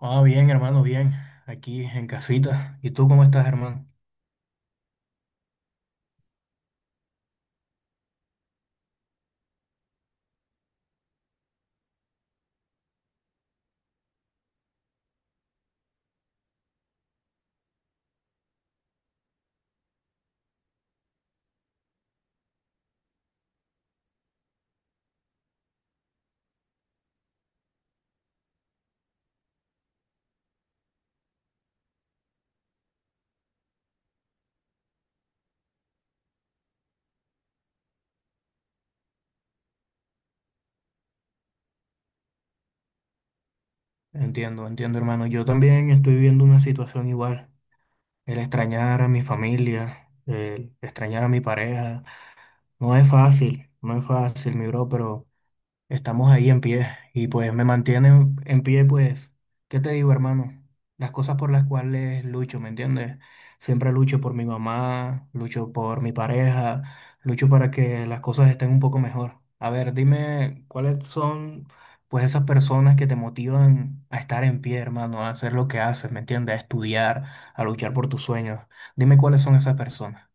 Ah, bien, hermano, bien. Aquí en casita. ¿Y tú cómo estás, hermano? Entiendo, hermano. Yo también estoy viviendo una situación igual. El extrañar a mi familia, el extrañar a mi pareja. No es fácil, no es fácil, mi bro, pero... Estamos ahí en pie y pues me mantienen en pie, pues, ¿qué te digo, hermano? Las cosas por las cuales lucho, ¿me entiendes? Siempre lucho por mi mamá, lucho por mi pareja, lucho para que las cosas estén un poco mejor. A ver, dime cuáles son, pues, esas personas que te motivan a estar en pie, hermano, a hacer lo que haces, ¿me entiendes? A estudiar, a luchar por tus sueños. Dime cuáles son esas personas.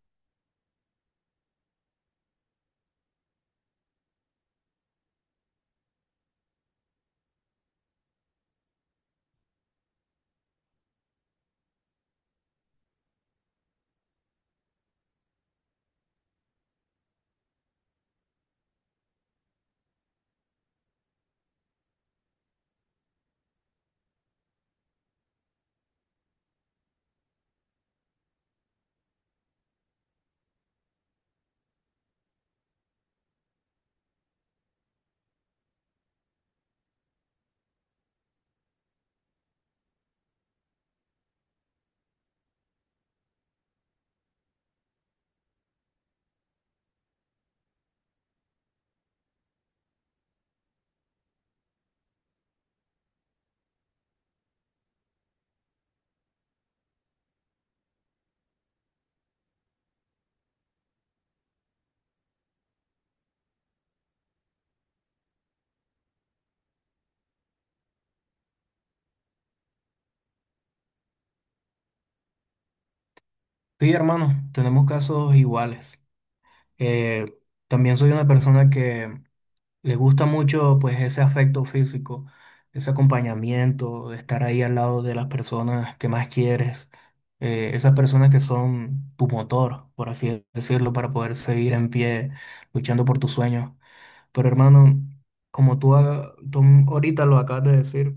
Sí, hermano, tenemos casos iguales. Eh, También soy una persona que les gusta mucho pues ese afecto físico, ese acompañamiento, estar ahí al lado de las personas que más quieres, esas personas que son tu motor, por así decirlo, para poder seguir en pie luchando por tus sueños. Pero hermano, como tú, tú ahorita lo acabas de decir,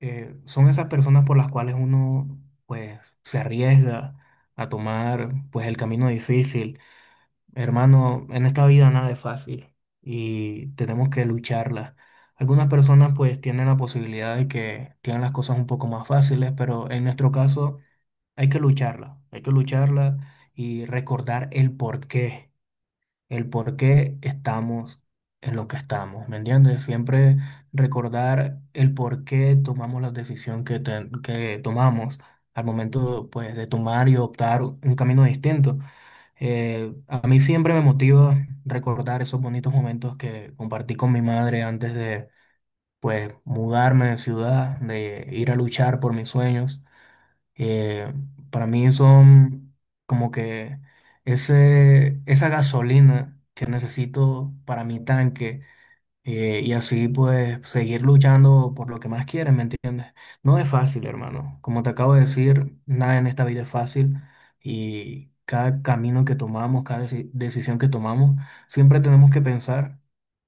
son esas personas por las cuales uno pues se arriesga a tomar pues el camino difícil. Hermano, en esta vida nada es fácil y tenemos que lucharla. Algunas personas pues tienen la posibilidad de que tienen las cosas un poco más fáciles, pero en nuestro caso hay que lucharla y recordar el por qué estamos en lo que estamos, ¿me entiendes? Siempre recordar el por qué tomamos la decisión que tomamos al momento pues, de tomar y optar un camino distinto. A mí siempre me motiva recordar esos bonitos momentos que compartí con mi madre antes de, pues, mudarme de ciudad, de ir a luchar por mis sueños. Eh, para mí son como que esa gasolina que necesito para mi tanque, y así pues seguir luchando por lo que más quieres, ¿me entiendes? No es fácil, hermano. Como te acabo de decir, nada en esta vida es fácil y cada camino que tomamos, cada decisión que tomamos, siempre tenemos que pensar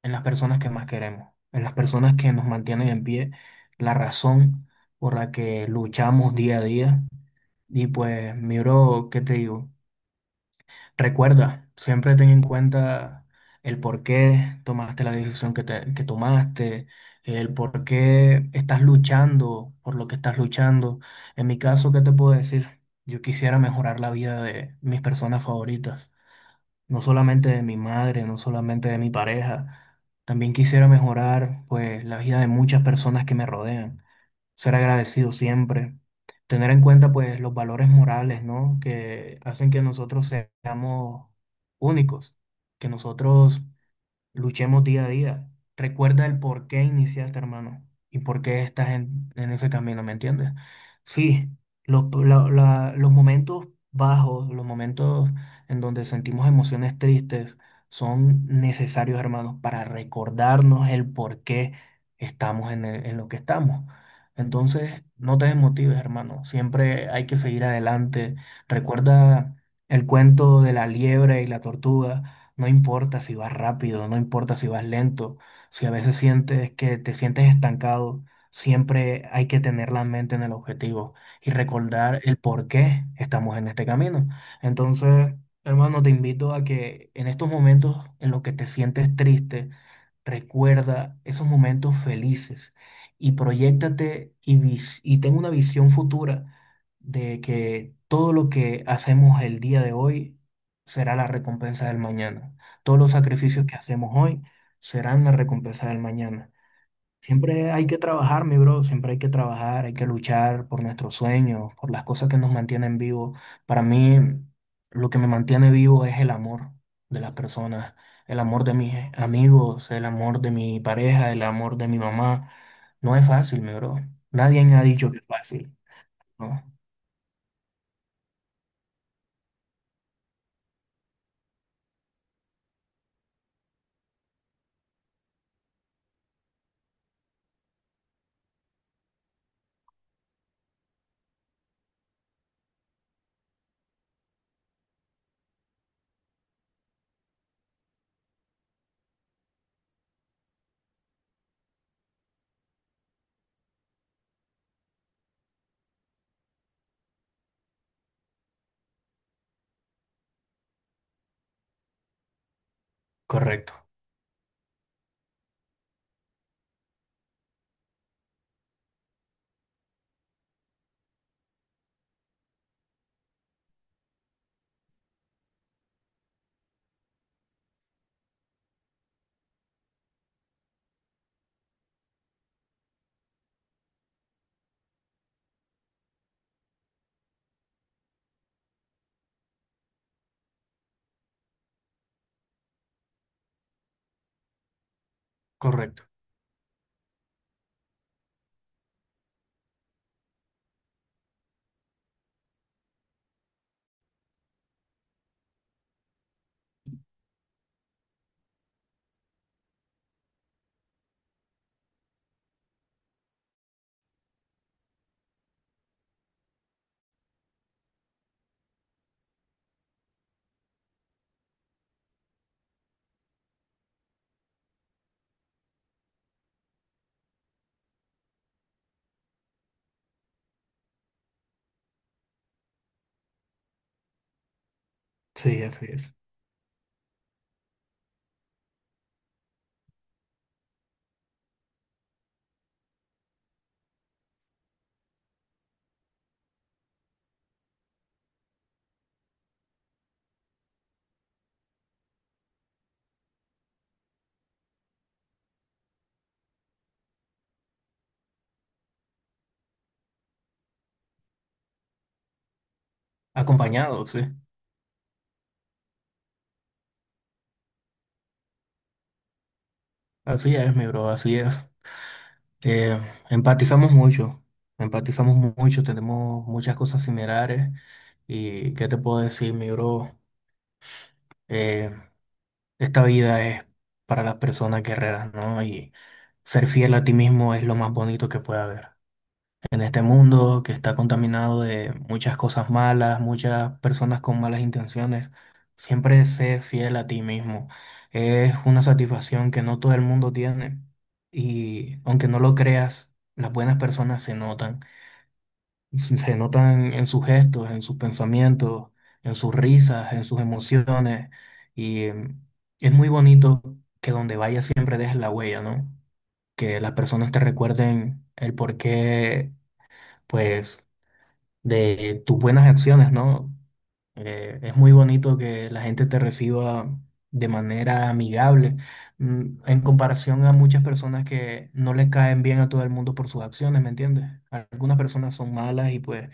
en las personas que más queremos, en las personas que nos mantienen en pie, la razón por la que luchamos día a día. Y pues, mi bro, ¿qué te digo? Recuerda, siempre ten en cuenta el por qué tomaste la decisión que tomaste, el por qué estás luchando por lo que estás luchando. En mi caso, ¿qué te puedo decir? Yo quisiera mejorar la vida de mis personas favoritas, no solamente de mi madre, no solamente de mi pareja, también quisiera mejorar pues la vida de muchas personas que me rodean, ser agradecido siempre, tener en cuenta pues los valores morales, ¿no?, que hacen que nosotros seamos únicos, que nosotros luchemos día a día. Recuerda el por qué iniciaste, hermano, y por qué estás en ese camino, ¿me entiendes? Sí, los momentos bajos, los momentos en donde sentimos emociones tristes son necesarios, hermanos, para recordarnos el por qué estamos en lo que estamos. Entonces, no te desmotives, hermano. Siempre hay que seguir adelante. Recuerda el cuento de la liebre y la tortuga. No importa si vas rápido, no importa si vas lento, si a veces sientes que te sientes estancado, siempre hay que tener la mente en el objetivo y recordar el por qué estamos en este camino. Entonces, hermano, te invito a que en estos momentos en los que te sientes triste, recuerda esos momentos felices y proyéctate y y ten una visión futura de que todo lo que hacemos el día de hoy será la recompensa del mañana. Todos los sacrificios que hacemos hoy serán la recompensa del mañana. Siempre hay que trabajar, mi bro, siempre hay que trabajar, hay que luchar por nuestros sueños, por las cosas que nos mantienen vivos. Para mí, lo que me mantiene vivo es el amor de las personas, el amor de mis amigos, el amor de mi pareja, el amor de mi mamá. No es fácil, mi bro. Nadie me ha dicho que es fácil, ¿no? Correcto, correcto. Sí, así es. Acompañado, sí. Así es, mi bro, así es. Eh, Empatizamos mucho, empatizamos mucho, tenemos muchas cosas similares. ¿Y qué te puedo decir, mi bro? Eh, Esta vida es para las personas guerreras, ¿no? Y ser fiel a ti mismo es lo más bonito que puede haber en este mundo que está contaminado de muchas cosas malas, muchas personas con malas intenciones. Siempre sé fiel a ti mismo. Es una satisfacción que no todo el mundo tiene y, aunque no lo creas, las buenas personas se notan. Se notan en sus gestos, en sus pensamientos, en sus risas, en sus emociones y es muy bonito que donde vayas siempre dejes la huella, ¿no? Que las personas te recuerden el por qué, pues, de tus buenas acciones, ¿no? Es muy bonito que la gente te reciba de manera amigable, en comparación a muchas personas que no le caen bien a todo el mundo por sus acciones, ¿me entiendes? Algunas personas son malas y pues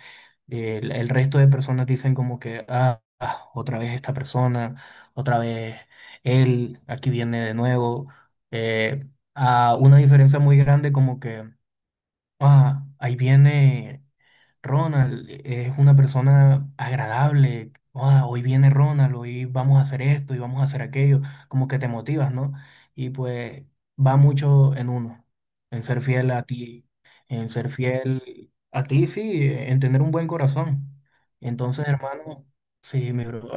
el resto de personas dicen como que, ah, ah, otra vez esta persona, otra vez él, aquí viene de nuevo. Eh, a una diferencia muy grande, como que: ah, ahí viene Ronald, es una persona agradable. Ah, hoy viene Ronald, hoy vamos a hacer esto y vamos a hacer aquello. Como que te motivas, ¿no? Y pues va mucho en uno, en ser fiel a ti, en ser fiel a ti, sí, en tener un buen corazón. Entonces, hermano, sí, mi bro,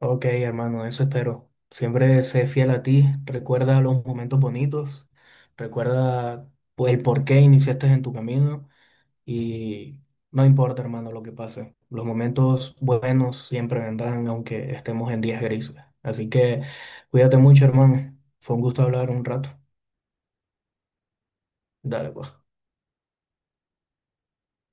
ok, hermano, eso espero. Siempre sé fiel a ti, recuerda los momentos bonitos, recuerda, pues, el por qué iniciaste en tu camino y no importa, hermano, lo que pase. Los momentos buenos siempre vendrán, aunque estemos en días grises. Así que cuídate mucho, hermano. Fue un gusto hablar un rato. Dale, pues.